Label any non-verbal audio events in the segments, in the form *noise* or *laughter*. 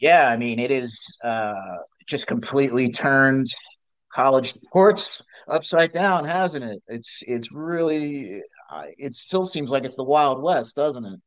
Yeah, I mean, it is just completely turned college sports upside down, hasn't it? It's really it still seems like it's the Wild West, doesn't it?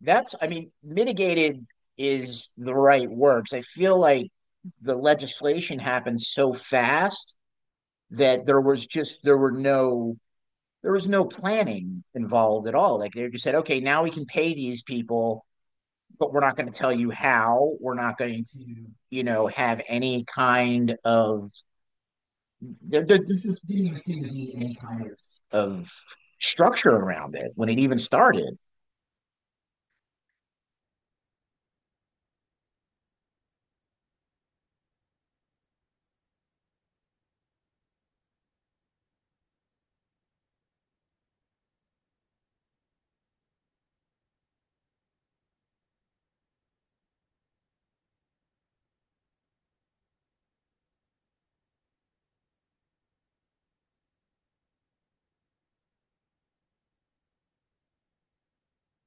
That's, I mean, mitigated is the right words. I feel like the legislation happened so fast that there were no there was no planning involved at all. Like they just said, okay, now we can pay these people, but we're not going to tell you how. We're not going to, have any kind of. This didn't even seem to be any kind of of structure around it when it even started.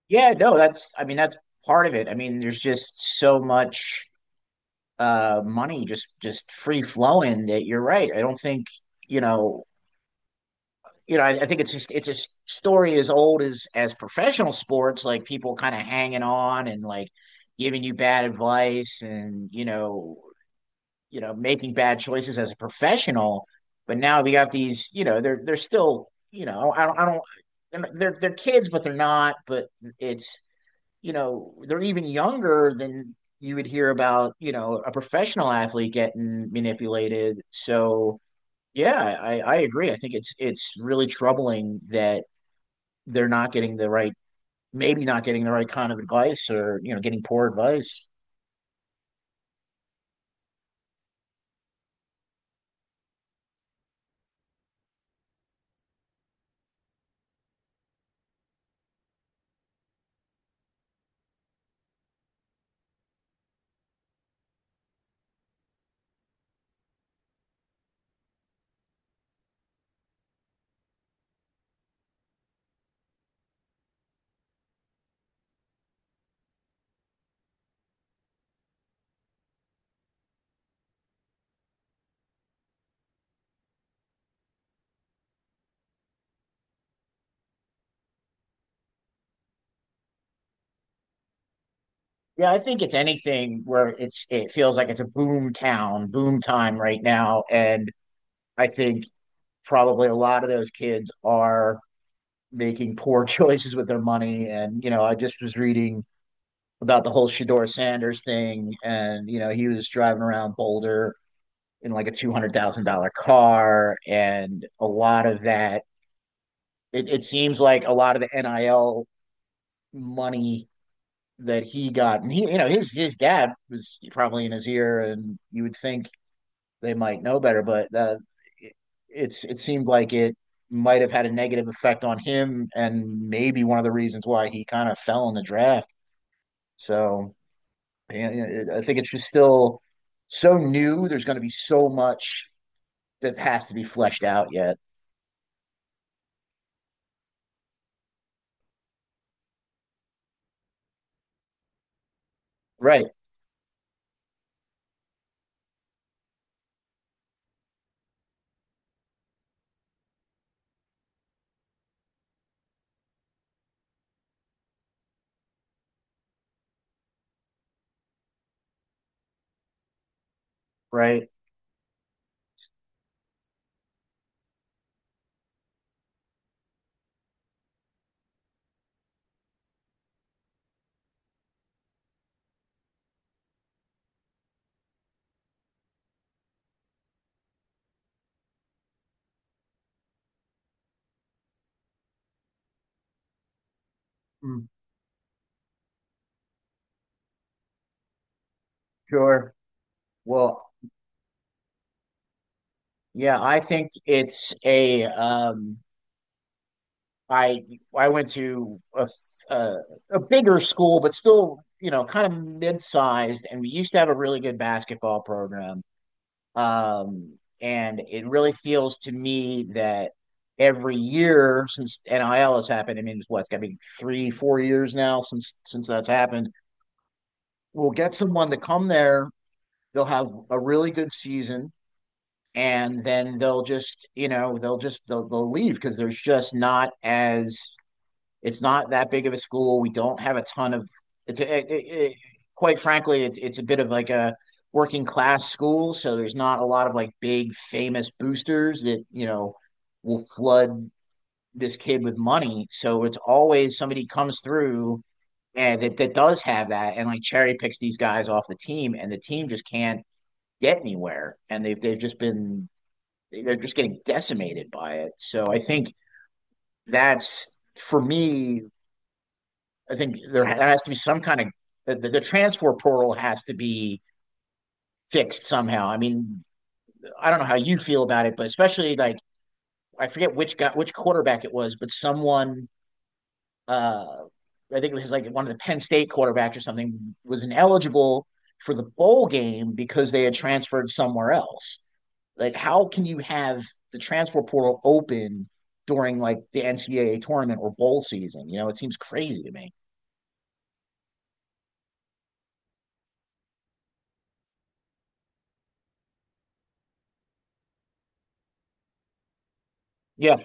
Yeah, no, that's. I mean, that's part of it. I mean, there's just so much money just free flowing that you're right. I don't think you know I think it's just it's a story as old as professional sports, like people kind of hanging on and like giving you bad advice, and making bad choices as a professional. But now we got these, you know, they're still, you know, I don't, they're not- they're kids, but they're not. But it's, you know, they're even younger than you would hear about, you know, a professional athlete getting manipulated. So yeah, I agree. I think it's really troubling that they're not getting the right, maybe not getting the right kind of advice, or, you know, getting poor advice. Yeah, I think it's anything where it feels like it's a boom town, boom time right now. And I think probably a lot of those kids are making poor *laughs* choices with their money. And, you know, I just was reading about the whole Shador Sanders thing, and, you know, he was driving around Boulder in like a $200,000 car, and a lot of that. It seems like a lot of the NIL money that he got, and he, you know, his dad was probably in his ear, and you would think they might know better, but it, it's it seemed like it might have had a negative effect on him, and maybe one of the reasons why he kind of fell in the draft. So yeah, yeah, I think it's just still so new. There's going to be so much that has to be fleshed out yet. Right. Right? Mm. Sure. Well, yeah, I think it's a I I went to a, a bigger school, but still, you know, kind of mid-sized, and we used to have a really good basketball program. And it really feels to me that every year since NIL has happened, I mean, it's what, it's got to be 3, 4 years now since that's happened. We'll get someone to come there. They'll have a really good season, and then they'll just you know they'll leave because there's just not as it's not that big of a school, we don't have a ton of it's a, it, it, quite frankly it's a bit of like a working class school, so there's not a lot of like big famous boosters that you know will flood this kid with money. So it's always somebody comes through and that does have that and like cherry picks these guys off the team, and the team just can't get anywhere, and they've just been they're just getting decimated by it. So I think that's for me. I think there has to be some kind of the transfer portal has to be fixed somehow. I mean, I don't know how you feel about it, but especially like I forget which guy, which quarterback it was, but someone, uh, I think it was like one of the Penn State quarterbacks or something, was ineligible for the bowl game because they had transferred somewhere else. Like how can you have the transfer portal open during like the NCAA tournament or bowl season? You know, it seems crazy to me. Yeah.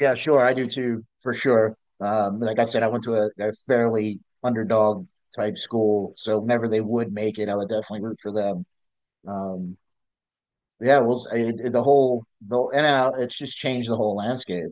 Yeah, sure, I do too, for sure. Like I said, I went to a fairly underdog type school, so whenever they would make it, I would definitely root for them. Um, yeah, well, the whole the and it's just changed the whole landscape.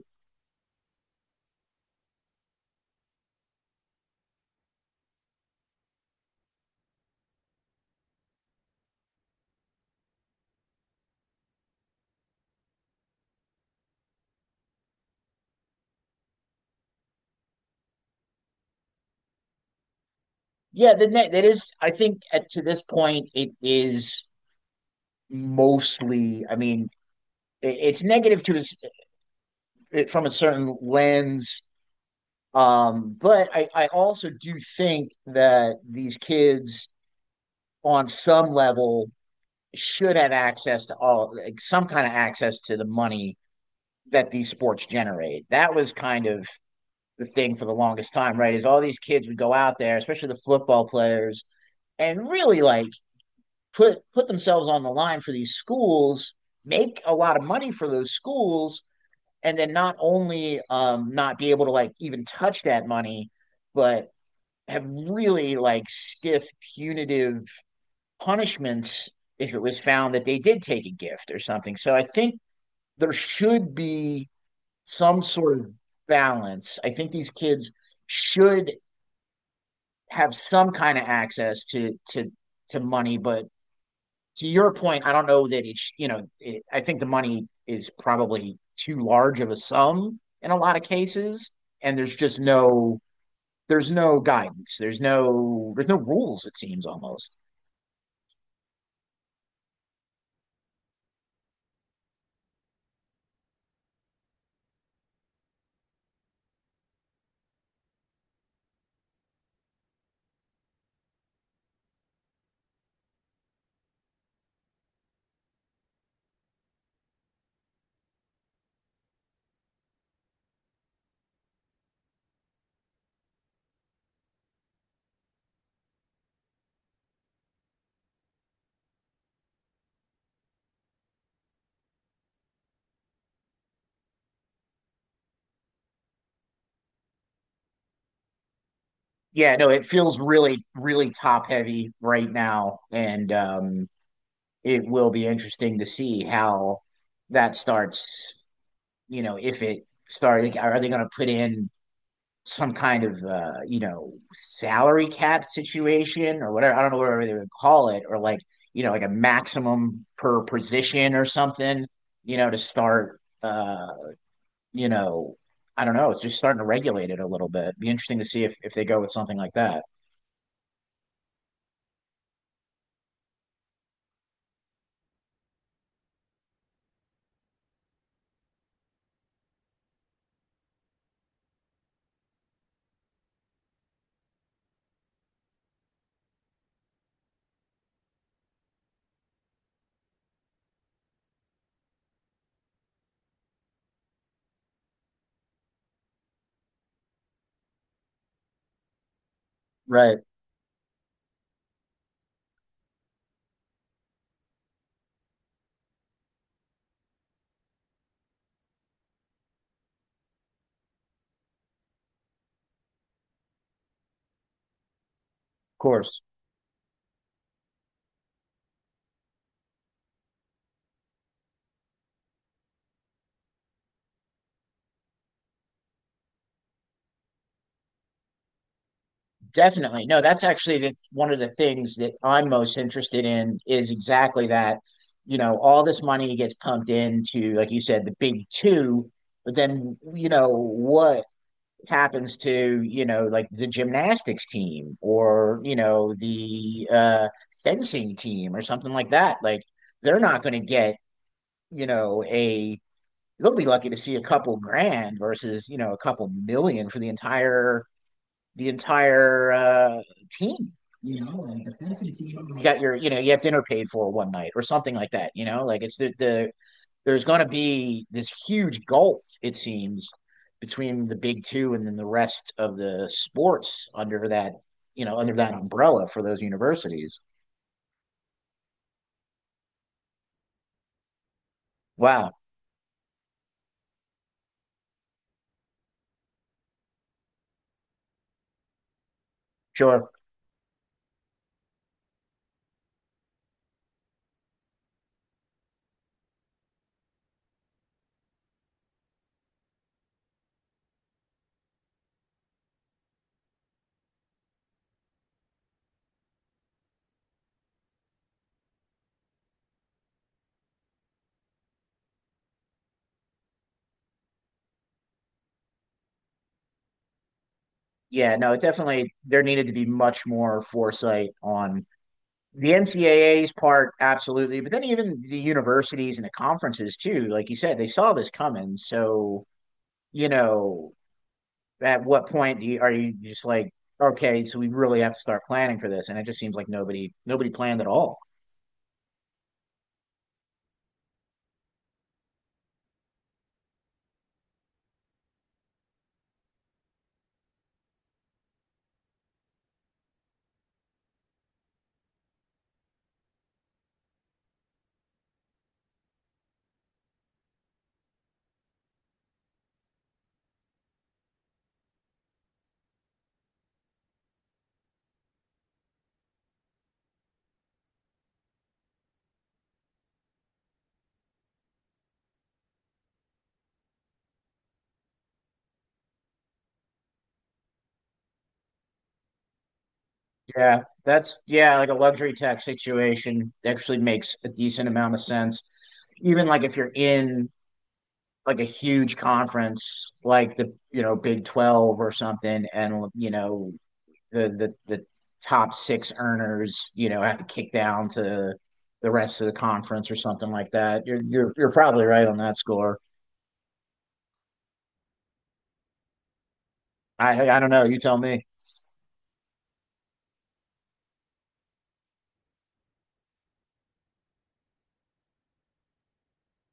Yeah, the net that is. I think at to this point, it is mostly. I mean, it's negative to it from a certain lens. But I also do think that these kids on some level should have access to all like some kind of access to the money that these sports generate. That was kind of the thing for the longest time, right? Is all these kids would go out there, especially the football players, and really like put themselves on the line for these schools, make a lot of money for those schools, and then not only not be able to like even touch that money, but have really like stiff punitive punishments if it was found that they did take a gift or something. So I think there should be some sort of balance. I think these kids should have some kind of access to money, but to your point, I don't know that it's, you know, I think the money is probably too large of a sum in a lot of cases. And there's no guidance. There's no rules, it seems almost. Yeah, no, it feels really, really top heavy right now. And it will be interesting to see how that starts, you know, if it started, are they going to put in some kind of you know, salary cap situation or whatever. I don't know whatever they would call it, or like you know like a maximum per position or something. You know to start. You know, I don't know. It's just starting to regulate it a little bit. It'd be interesting to see if they go with something like that. Right, of course. Definitely. No, that's actually one of the things that I'm most interested in is exactly that. You know, all this money gets pumped into, like you said, the big two, but then, you know, what happens to, you know, like the gymnastics team or, you know, the fencing team or something like that? Like, they're not going to get, you know, they'll be lucky to see a couple grand versus, you know, a couple million for the entire team. You know, a defensive team. You got your, you know, you have dinner paid for one night or something like that. You know, like it's the there's going to be this huge gulf, it seems, between the big two and then the rest of the sports under that, you know, under that umbrella for those universities. Wow, sure, yeah, no, definitely there needed to be much more foresight on the NCAA's part, absolutely, but then even the universities and the conferences too. Like you said, they saw this coming. So you know, at what point do you, are you just like, okay, so we really have to start planning for this? And it just seems like nobody planned at all. Yeah, that's yeah, like a luxury tax situation actually makes a decent amount of sense. Even like if you're in like a huge conference like the you know Big 12 or something, and you know the top 6 earners, you know, have to kick down to the rest of the conference or something like that. You're you're probably right on that score. I don't know. You tell me.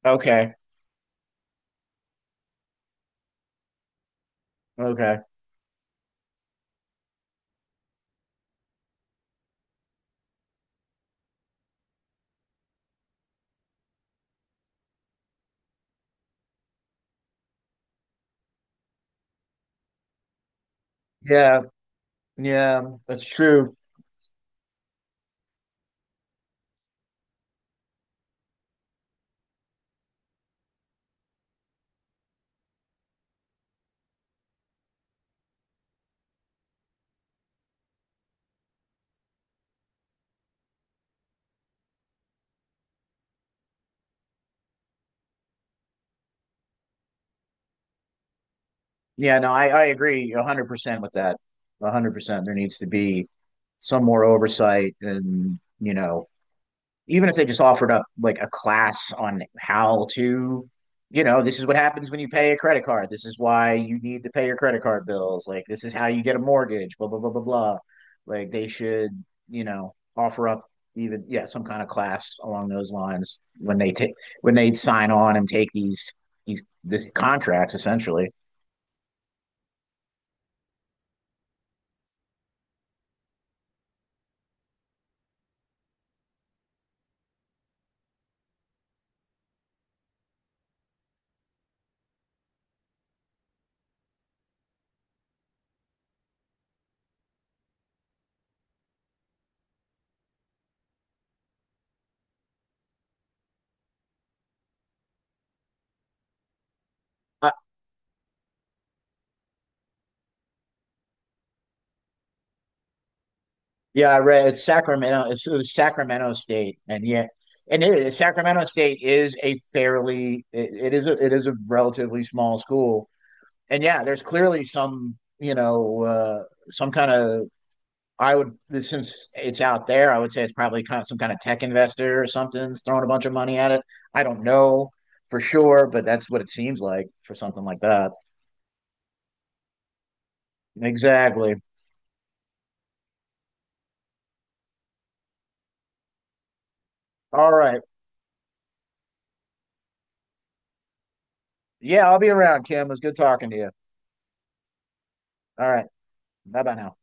Okay. Okay. Yeah. Yeah. That's true. Yeah. No, I agree 100% with that. 100%. There needs to be some more oversight, and you know even if they just offered up like a class on how to, you know, this is what happens when you pay a credit card. This is why you need to pay your credit card bills. Like this is how you get a mortgage. Blah blah blah blah blah. Like they should, you know, offer up even yeah some kind of class along those lines when they take when they sign on and take these contracts essentially. Yeah, I read it's Sacramento. It was Sacramento State, and yeah, and it is, Sacramento State is a fairly it is it is a relatively small school, and yeah, there's clearly some you know some kind of I would since it's out there, I would say it's probably kind of some kind of tech investor or something's throwing a bunch of money at it. I don't know for sure, but that's what it seems like for something like that. Exactly. All right. Yeah, I'll be around, Kim. It was good talking to you. All right. Bye bye now.